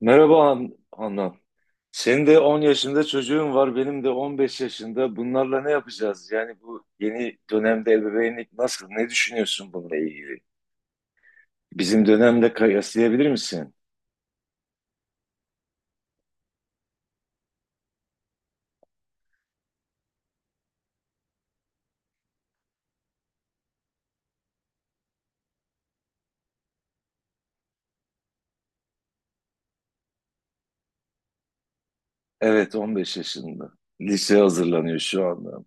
Merhaba Anna. Senin de 10 yaşında çocuğun var, benim de 15 yaşında. Bunlarla ne yapacağız? Yani bu yeni dönemde ebeveynlik nasıl? Ne düşünüyorsun bununla ilgili? Bizim dönemde kıyaslayabilir misin? Evet, 15 yaşında. Lise hazırlanıyor şu anda.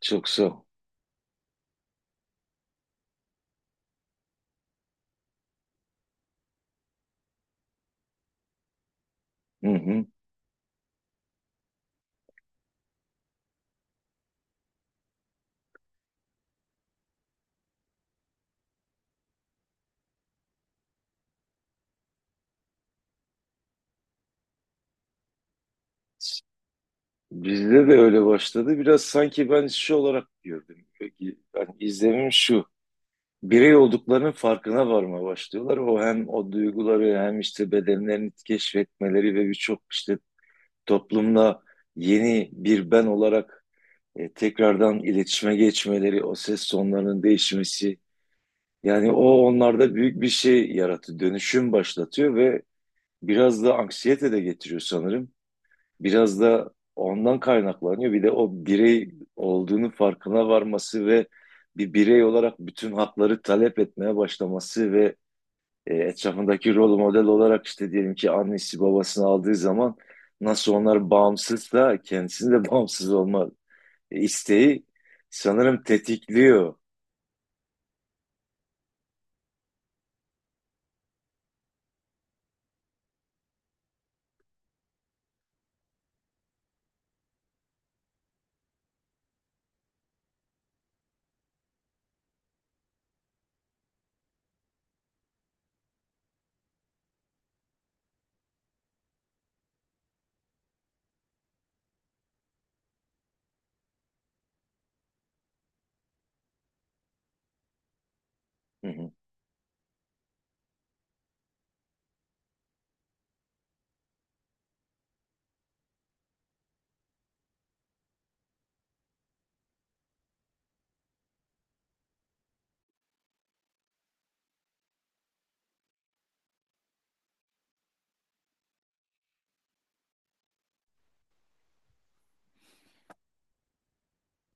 Çok sağ ol. Hı hı. Bizde de öyle başladı. Biraz sanki ben şu olarak gördüm. Peki, yani izlemim şu. Birey olduklarının farkına varmaya başlıyorlar. O hem o duyguları hem işte bedenlerini keşfetmeleri ve birçok işte toplumla yeni bir ben olarak tekrardan iletişime geçmeleri, o ses tonlarının değişmesi, yani o onlarda büyük bir şey yaratıyor, dönüşüm başlatıyor ve biraz da anksiyete de getiriyor sanırım. Biraz da ondan kaynaklanıyor. Bir de o birey olduğunu farkına varması ve bir birey olarak bütün hakları talep etmeye başlaması ve etrafındaki rol model olarak işte diyelim ki annesi babasını aldığı zaman nasıl onlar bağımsızsa kendisinin de bağımsız olma isteği sanırım tetikliyor. Hı hı.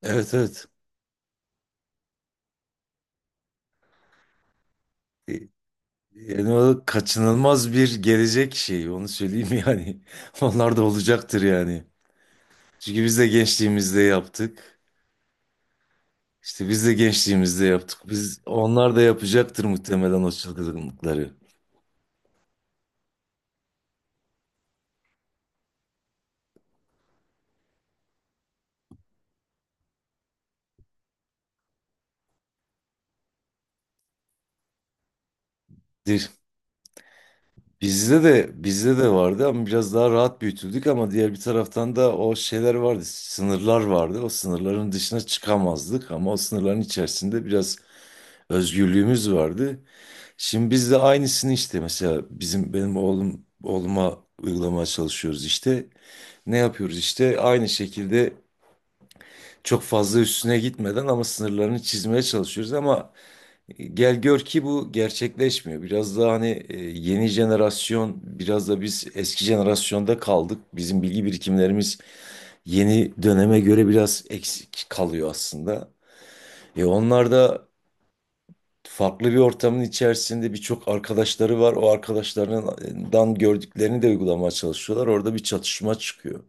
Evet, evet. E, Yani o kaçınılmaz bir gelecek şeyi, onu söyleyeyim yani. Onlar da olacaktır yani. Çünkü biz de gençliğimizde yaptık. İşte biz de gençliğimizde yaptık. Biz onlar da yapacaktır muhtemelen o çılgınlıkları. Bizde de vardı ama biraz daha rahat büyütüldük, ama diğer bir taraftan da o şeyler vardı, sınırlar vardı. O sınırların dışına çıkamazdık ama o sınırların içerisinde biraz özgürlüğümüz vardı. Şimdi biz de aynısını işte mesela benim oğluma uygulamaya çalışıyoruz işte. Ne yapıyoruz işte aynı şekilde çok fazla üstüne gitmeden ama sınırlarını çizmeye çalışıyoruz, ama gel gör ki bu gerçekleşmiyor. Biraz daha hani yeni jenerasyon, biraz da biz eski jenerasyonda kaldık. Bizim bilgi birikimlerimiz yeni döneme göre biraz eksik kalıyor aslında. Onlar da farklı bir ortamın içerisinde, birçok arkadaşları var. O arkadaşlarından gördüklerini de uygulamaya çalışıyorlar. Orada bir çatışma çıkıyor.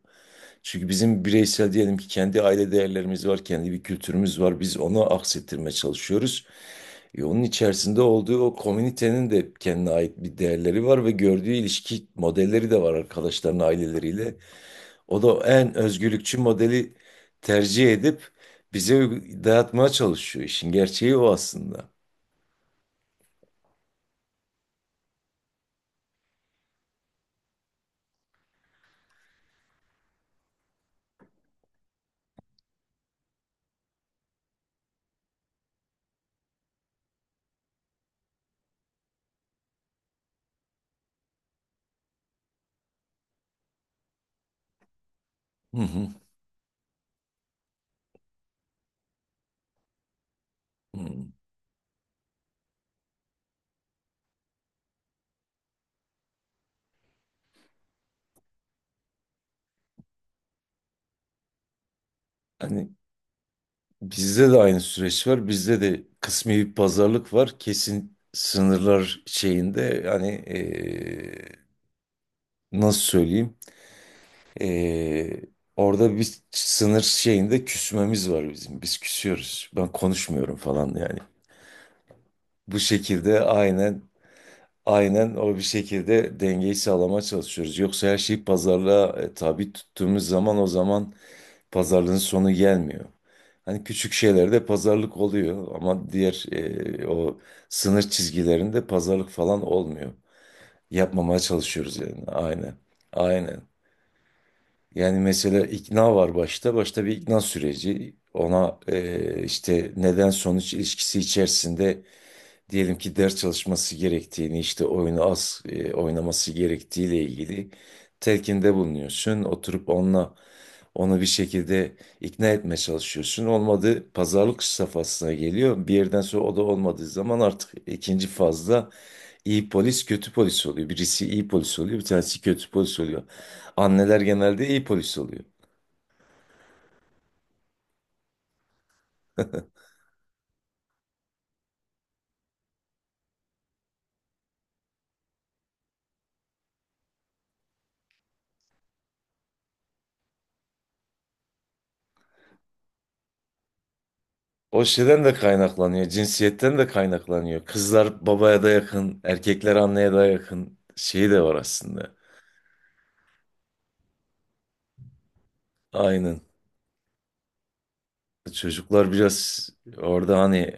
Çünkü bizim bireysel diyelim ki kendi aile değerlerimiz var, kendi bir kültürümüz var. Biz onu aksettirmeye çalışıyoruz. Onun içerisinde olduğu o komünitenin de kendine ait bir değerleri var ve gördüğü ilişki modelleri de var arkadaşlarının aileleriyle. O da en özgürlükçü modeli tercih edip bize dayatmaya çalışıyor. İşin gerçeği o aslında. Hı hı. Hı. Hani bizde de aynı süreç var. Bizde de kısmi bir pazarlık var. Kesin sınırlar şeyinde yani nasıl söyleyeyim? Ee, Orada bir sınır şeyinde küsmemiz var bizim. Biz küsüyoruz. Ben konuşmuyorum falan yani. Bu şekilde aynen, aynen, o bir şekilde dengeyi sağlamaya çalışıyoruz. Yoksa her şeyi pazarlığa tabi tuttuğumuz zaman o zaman pazarlığın sonu gelmiyor. Hani küçük şeylerde pazarlık oluyor ama diğer o sınır çizgilerinde pazarlık falan olmuyor. Yapmamaya çalışıyoruz yani. Aynen. Aynen. Yani mesela ikna var başta. Başta bir ikna süreci. Ona işte neden sonuç ilişkisi içerisinde diyelim ki ders çalışması gerektiğini, işte oyunu az oynaması gerektiğiyle ilgili telkinde bulunuyorsun. Oturup onunla onu bir şekilde ikna etmeye çalışıyorsun. Olmadı, pazarlık safhasına geliyor. Bir yerden sonra o da olmadığı zaman artık ikinci fazda iyi polis kötü polis oluyor. Birisi iyi polis oluyor, bir tanesi kötü polis oluyor. Anneler genelde iyi polis oluyor. O şeyden de kaynaklanıyor, cinsiyetten de kaynaklanıyor. Kızlar babaya da yakın, erkekler anneye daha yakın şeyi de var aslında. Aynen. Çocuklar biraz orada hani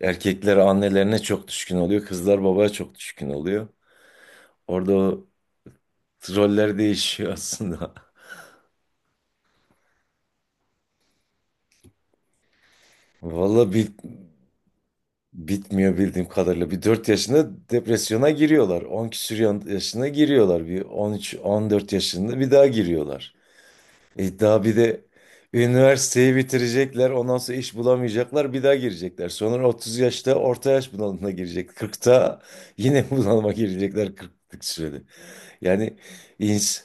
erkekler annelerine çok düşkün oluyor, kızlar babaya çok düşkün oluyor. Orada o roller değişiyor aslında. Valla bitmiyor bildiğim kadarıyla. Bir 4 yaşında depresyona giriyorlar. 10 küsur yaşına giriyorlar. Bir 13-14 yaşında bir daha giriyorlar. Daha bir de üniversiteyi bitirecekler. Ondan sonra iş bulamayacaklar. Bir daha girecekler. Sonra 30 yaşta orta yaş bunalımına girecek. 40'ta yine bunalıma girecekler 40'lık sürede. Yani ins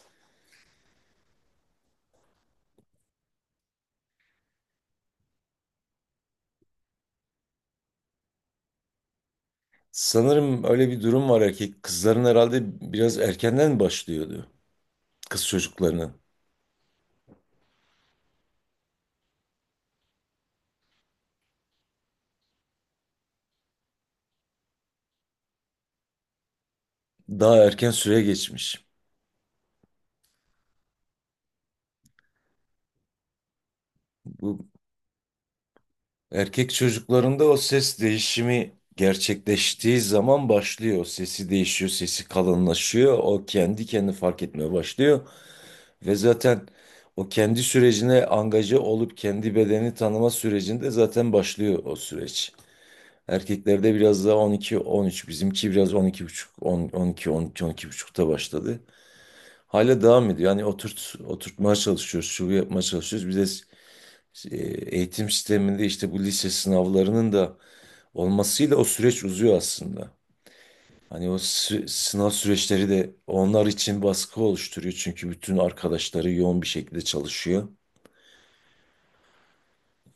sanırım öyle bir durum var erkek. Kızların herhalde biraz erkenden başlıyordu. Kız çocuklarının. Daha erken süre geçmiş. Bu Erkek çocuklarında o ses değişimi gerçekleştiği zaman başlıyor. Sesi değişiyor, sesi kalınlaşıyor. O kendi kendini fark etmeye başlıyor. Ve zaten o kendi sürecine angaje olup kendi bedeni tanıma sürecinde zaten başlıyor o süreç. Erkeklerde biraz daha 12-13, bizimki biraz 12,5, 10, 12, 12, on iki 12,5'te başladı. Hala devam ediyor. Yani oturtmaya çalışıyoruz, şu yapmaya çalışıyoruz. Bir de e, eğitim sisteminde işte bu lise sınavlarının da olmasıyla o süreç uzuyor aslında. Hani o sınav süreçleri de onlar için baskı oluşturuyor. Çünkü bütün arkadaşları yoğun bir şekilde çalışıyor.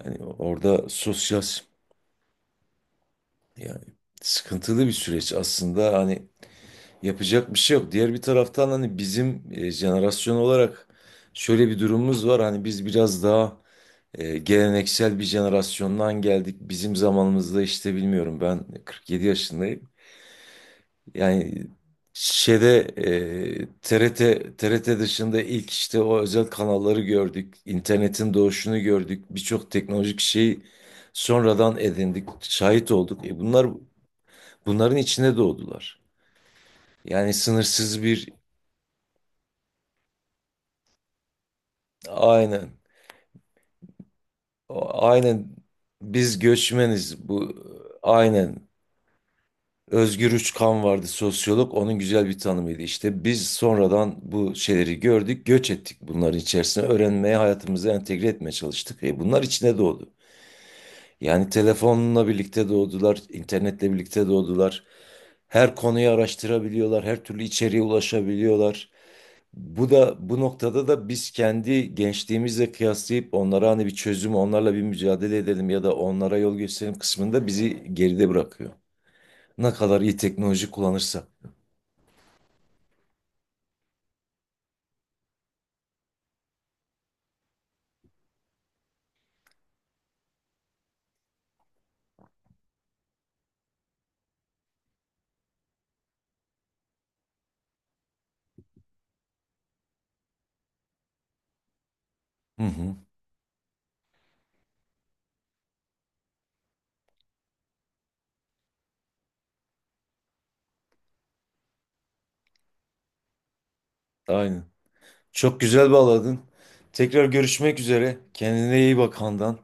Hani orada sosyal, yani sıkıntılı bir süreç aslında. Hani yapacak bir şey yok. Diğer bir taraftan hani bizim jenerasyon olarak şöyle bir durumumuz var. Hani biz biraz daha geleneksel bir jenerasyondan geldik. Bizim zamanımızda işte bilmiyorum, ben 47 yaşındayım. Yani şeyde TRT dışında ilk işte o özel kanalları gördük. İnternetin doğuşunu gördük. Birçok teknolojik şeyi sonradan edindik, şahit olduk. Bunların içine doğdular. Yani sınırsız bir. Aynen. Aynen biz göçmeniz bu. Aynen. Özgür Uçkan vardı, sosyolog. Onun güzel bir tanımıydı. İşte biz sonradan bu şeyleri gördük, göç ettik bunların içerisine. Öğrenmeye, hayatımıza entegre etmeye çalıştık. Bunlar içine doğdu. Yani telefonla birlikte doğdular, internetle birlikte doğdular. Her konuyu araştırabiliyorlar, her türlü içeriğe ulaşabiliyorlar. Bu da bu noktada da biz kendi gençliğimizle kıyaslayıp onlara hani bir çözüm, onlarla bir mücadele edelim ya da onlara yol gösterelim kısmında bizi geride bırakıyor. Ne kadar iyi teknoloji kullanırsa. Hı hı. Aynen. Çok güzel bağladın. Tekrar görüşmek üzere. Kendine iyi bak, Handan.